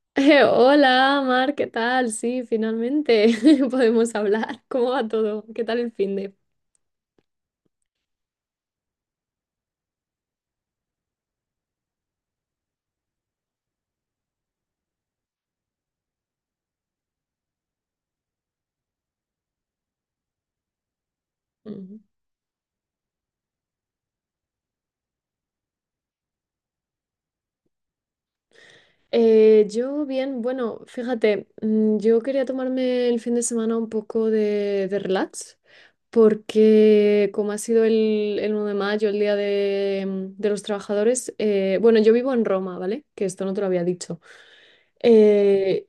Hola, Mar, ¿qué tal? Sí, finalmente podemos hablar. ¿Cómo va todo? ¿Qué tal el fin de? Ujú. Yo bien, bueno, fíjate, yo quería tomarme el fin de semana un poco de relax porque como ha sido el 1 de mayo, el Día de, de los Trabajadores, bueno, yo vivo en Roma, ¿vale? Que esto no te lo había dicho. Eh,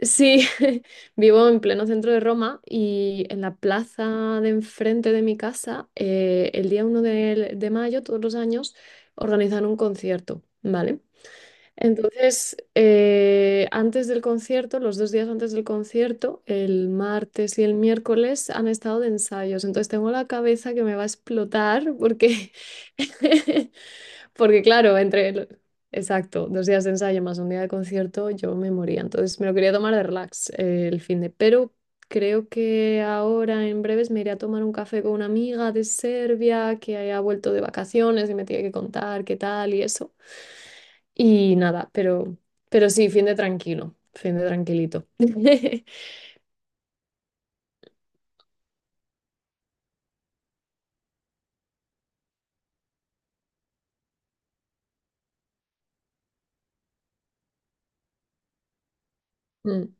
sí, vivo en pleno centro de Roma y en la plaza de enfrente de mi casa, el día uno de mayo, todos los años, organizan un concierto, ¿vale? Entonces, antes del concierto, los dos días antes del concierto, el martes y el miércoles han estado de ensayos. Entonces tengo la cabeza que me va a explotar porque, porque claro, exacto, dos días de ensayo más un día de concierto, yo me moría. Entonces me lo quería tomar de relax el fin de, pero creo que ahora en breves me iré a tomar un café con una amiga de Serbia que ha vuelto de vacaciones y me tiene que contar qué tal y eso. Y nada, pero sí, fin de tranquilo, fin de tranquilito. Mm,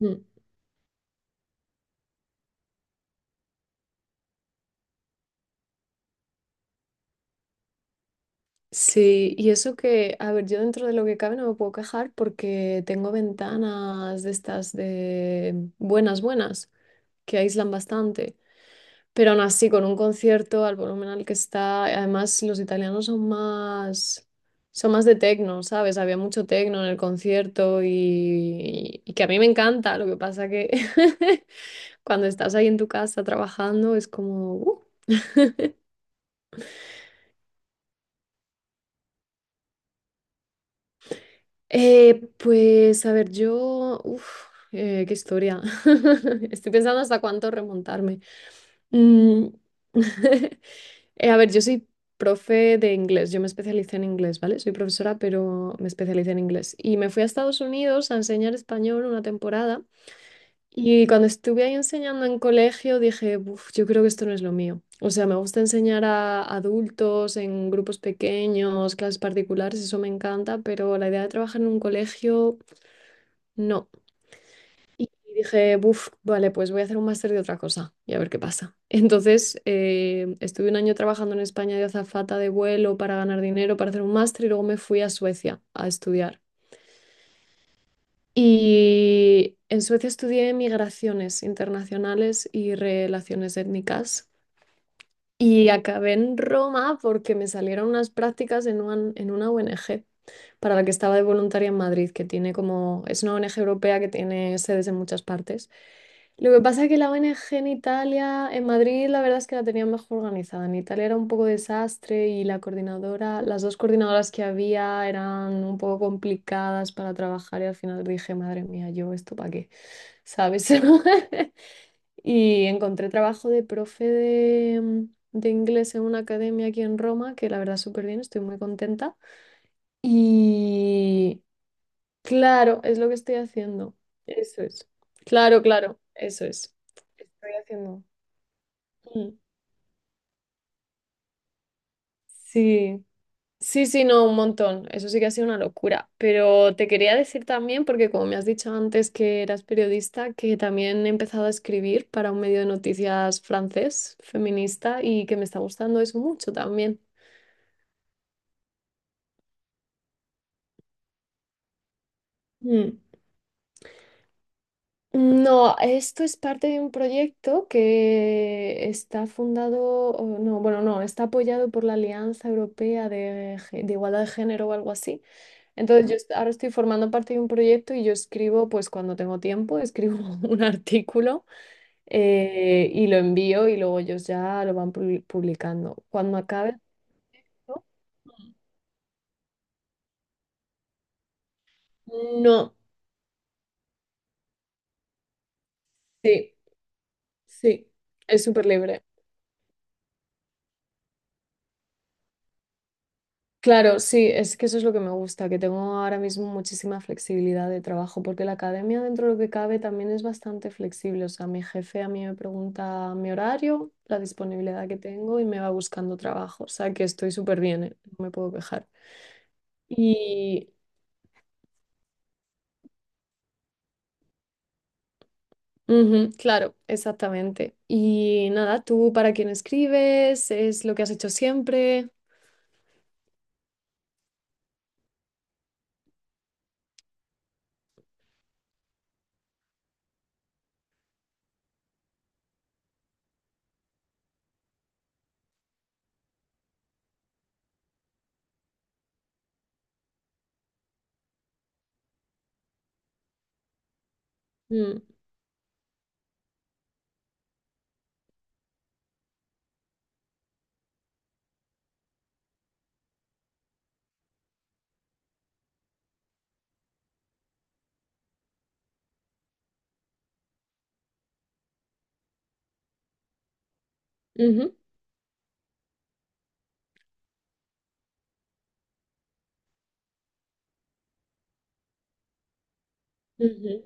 mm. Sí, y eso que, a ver, yo dentro de lo que cabe no me puedo quejar porque tengo ventanas de estas de buenas, buenas, que aíslan bastante, pero aún así con un concierto al volumen al que está, además los italianos son más de tecno, ¿sabes? Había mucho tecno en el concierto y que a mí me encanta, lo que pasa que cuando estás ahí en tu casa trabajando, es como, pues a ver, qué historia. Estoy pensando hasta cuánto remontarme. Mm, a ver, yo soy profe de inglés, yo me especialicé en inglés, ¿vale? Soy profesora, pero me especialicé en inglés. Y me fui a Estados Unidos a enseñar español una temporada. Y cuando estuve ahí enseñando en colegio, dije, "Buf, yo creo que esto no es lo mío. O sea, me gusta enseñar a adultos en grupos pequeños, clases particulares, eso me encanta, pero la idea de trabajar en un colegio, no. Y dije, buf, vale, pues voy a hacer un máster de otra cosa y a ver qué pasa. Entonces, estuve un año trabajando en España de azafata de vuelo para ganar dinero, para hacer un máster y luego me fui a Suecia a estudiar. Y en Suecia estudié migraciones internacionales y relaciones étnicas. Y acabé en Roma porque me salieron unas prácticas en una ONG para la que estaba de voluntaria en Madrid, que tiene como, es una ONG europea que tiene sedes en muchas partes. Lo que pasa es que la ONG en Italia, en Madrid, la verdad es que la tenían mejor organizada. En Italia era un poco desastre y la coordinadora, las dos coordinadoras que había eran un poco complicadas para trabajar y al final dije, madre mía, yo esto para qué, ¿sabes? Y encontré trabajo de profe de inglés en una academia aquí en Roma, que la verdad súper bien, estoy muy contenta. Y, claro, es lo que estoy haciendo. Eso es. Claro, claro, eso es. Estoy haciendo. Mm. Sí, sí, no, un montón. Eso sí que ha sido una locura. Pero te quería decir también, porque como me has dicho antes que eras periodista, que también he empezado a escribir para un medio de noticias francés, feminista, y que me está gustando eso mucho también. Mm. No, esto es parte de un proyecto que está fundado, o no, bueno, no, está apoyado por la Alianza Europea de, Gé- de Igualdad de Género o algo así. Entonces, ahora estoy formando parte de un proyecto y yo escribo, pues cuando tengo tiempo, escribo un artículo y lo envío y luego ellos ya lo van publicando. Cuando acabe, ¿no? No, sí, sí, es súper libre. Claro, sí, es que eso es lo que me gusta, que tengo ahora mismo muchísima flexibilidad de trabajo, porque la academia dentro de lo que cabe también es bastante flexible. O sea, mi jefe a mí me pregunta mi horario, la disponibilidad que tengo y me va buscando trabajo. O sea, que estoy súper bien, ¿eh? No me puedo quejar. Y, ujú, claro, exactamente. Y nada, ¿tú para quién escribes? ¿Es lo que has hecho siempre? Mm, ujú, ujú,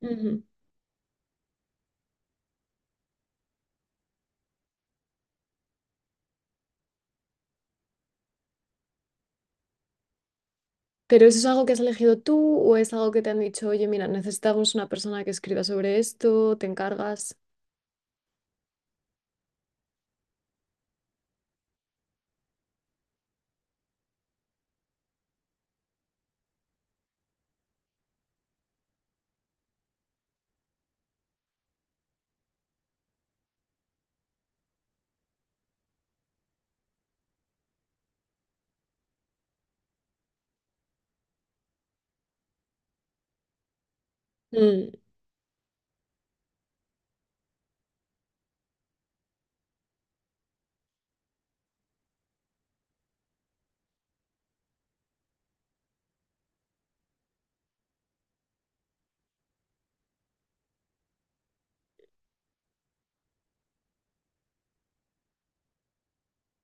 ujú. ¿Pero eso es algo que has elegido tú o es algo que te han dicho, oye, mira, necesitamos una persona que escriba sobre esto, te encargas? Mm,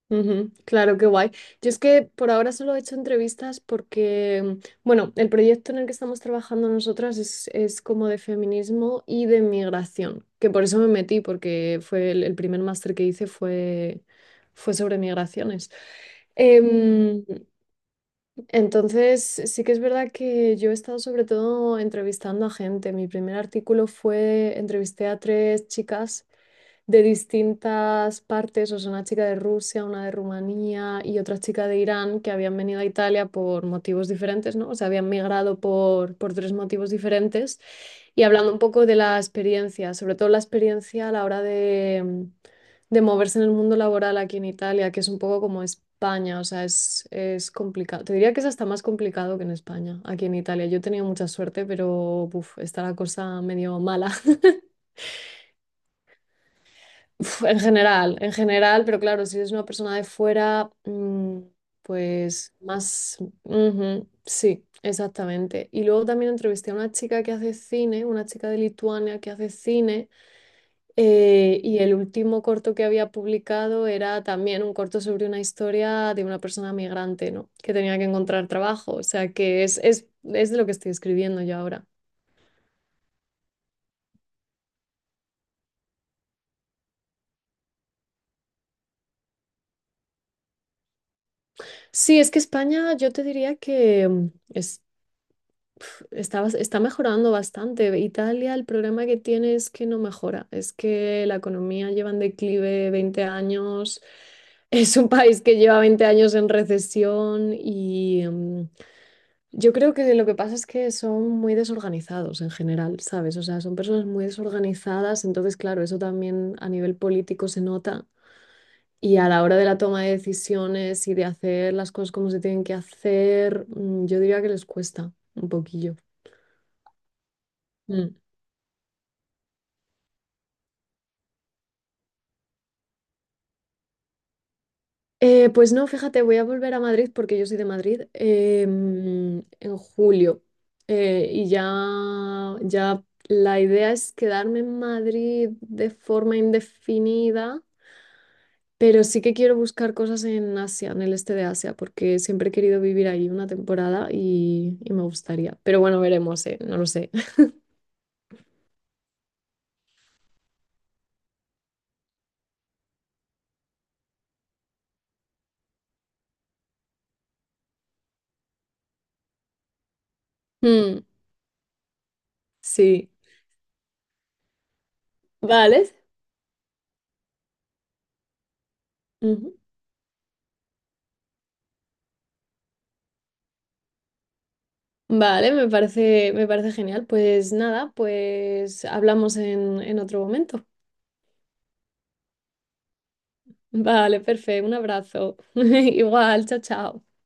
ujú, claro, qué guay. Yo es que por ahora solo he hecho entrevistas porque, bueno, el proyecto en el que estamos trabajando nosotras es como de feminismo y de migración, que por eso me metí, porque fue el primer máster que hice fue, fue sobre migraciones. Em, Entonces, sí que es verdad que yo he estado sobre todo entrevistando a gente. Mi primer artículo fue, entrevisté a tres chicas de distintas partes, o sea, una chica de Rusia, una de Rumanía y otra chica de Irán que habían venido a Italia por motivos diferentes, ¿no? O sea, habían migrado por tres motivos diferentes y hablando un poco de la experiencia, sobre todo la experiencia a la hora de moverse en el mundo laboral aquí en Italia, que es un poco como España, o sea, es complicado. Te diría que es hasta más complicado que en España, aquí en Italia. Yo he tenido mucha suerte, pero uf, está la cosa medio mala. Uf, en general, pero claro, si eres una persona de fuera, pues más... ujú, sí, exactamente. Y luego también entrevisté a una chica que hace cine, una chica de Lituania que hace cine, y el último corto que había publicado era también un corto sobre una historia de una persona migrante, ¿no? Que tenía que encontrar trabajo, o sea que es de lo que estoy escribiendo yo ahora. Sí, es que España, yo te diría que... está, está mejorando bastante. Italia, el problema que tiene es que no mejora. Es que la economía lleva en declive 20 años. Es un país que lleva 20 años en recesión y yo creo que lo que pasa es que son muy desorganizados en general, ¿sabes? O sea, son personas muy desorganizadas, entonces, claro, eso también a nivel político se nota. Y a la hora de la toma de decisiones y de hacer las cosas como se tienen que hacer, yo diría que les cuesta un poquillo. Mm. Pues no, fíjate, voy a volver a Madrid porque yo soy de Madrid en julio. Y ya, ya la idea es quedarme en Madrid de forma indefinida, pero sí que quiero buscar cosas en Asia, en el este de Asia, porque siempre he querido vivir ahí una temporada y me gustaría. Pero bueno, veremos, no lo sé. Mm, sí. Vale. Ujú. Vale, me parece genial. Pues nada, pues hablamos en otro momento. Vale, perfecto, un abrazo. Igual, chao, chao.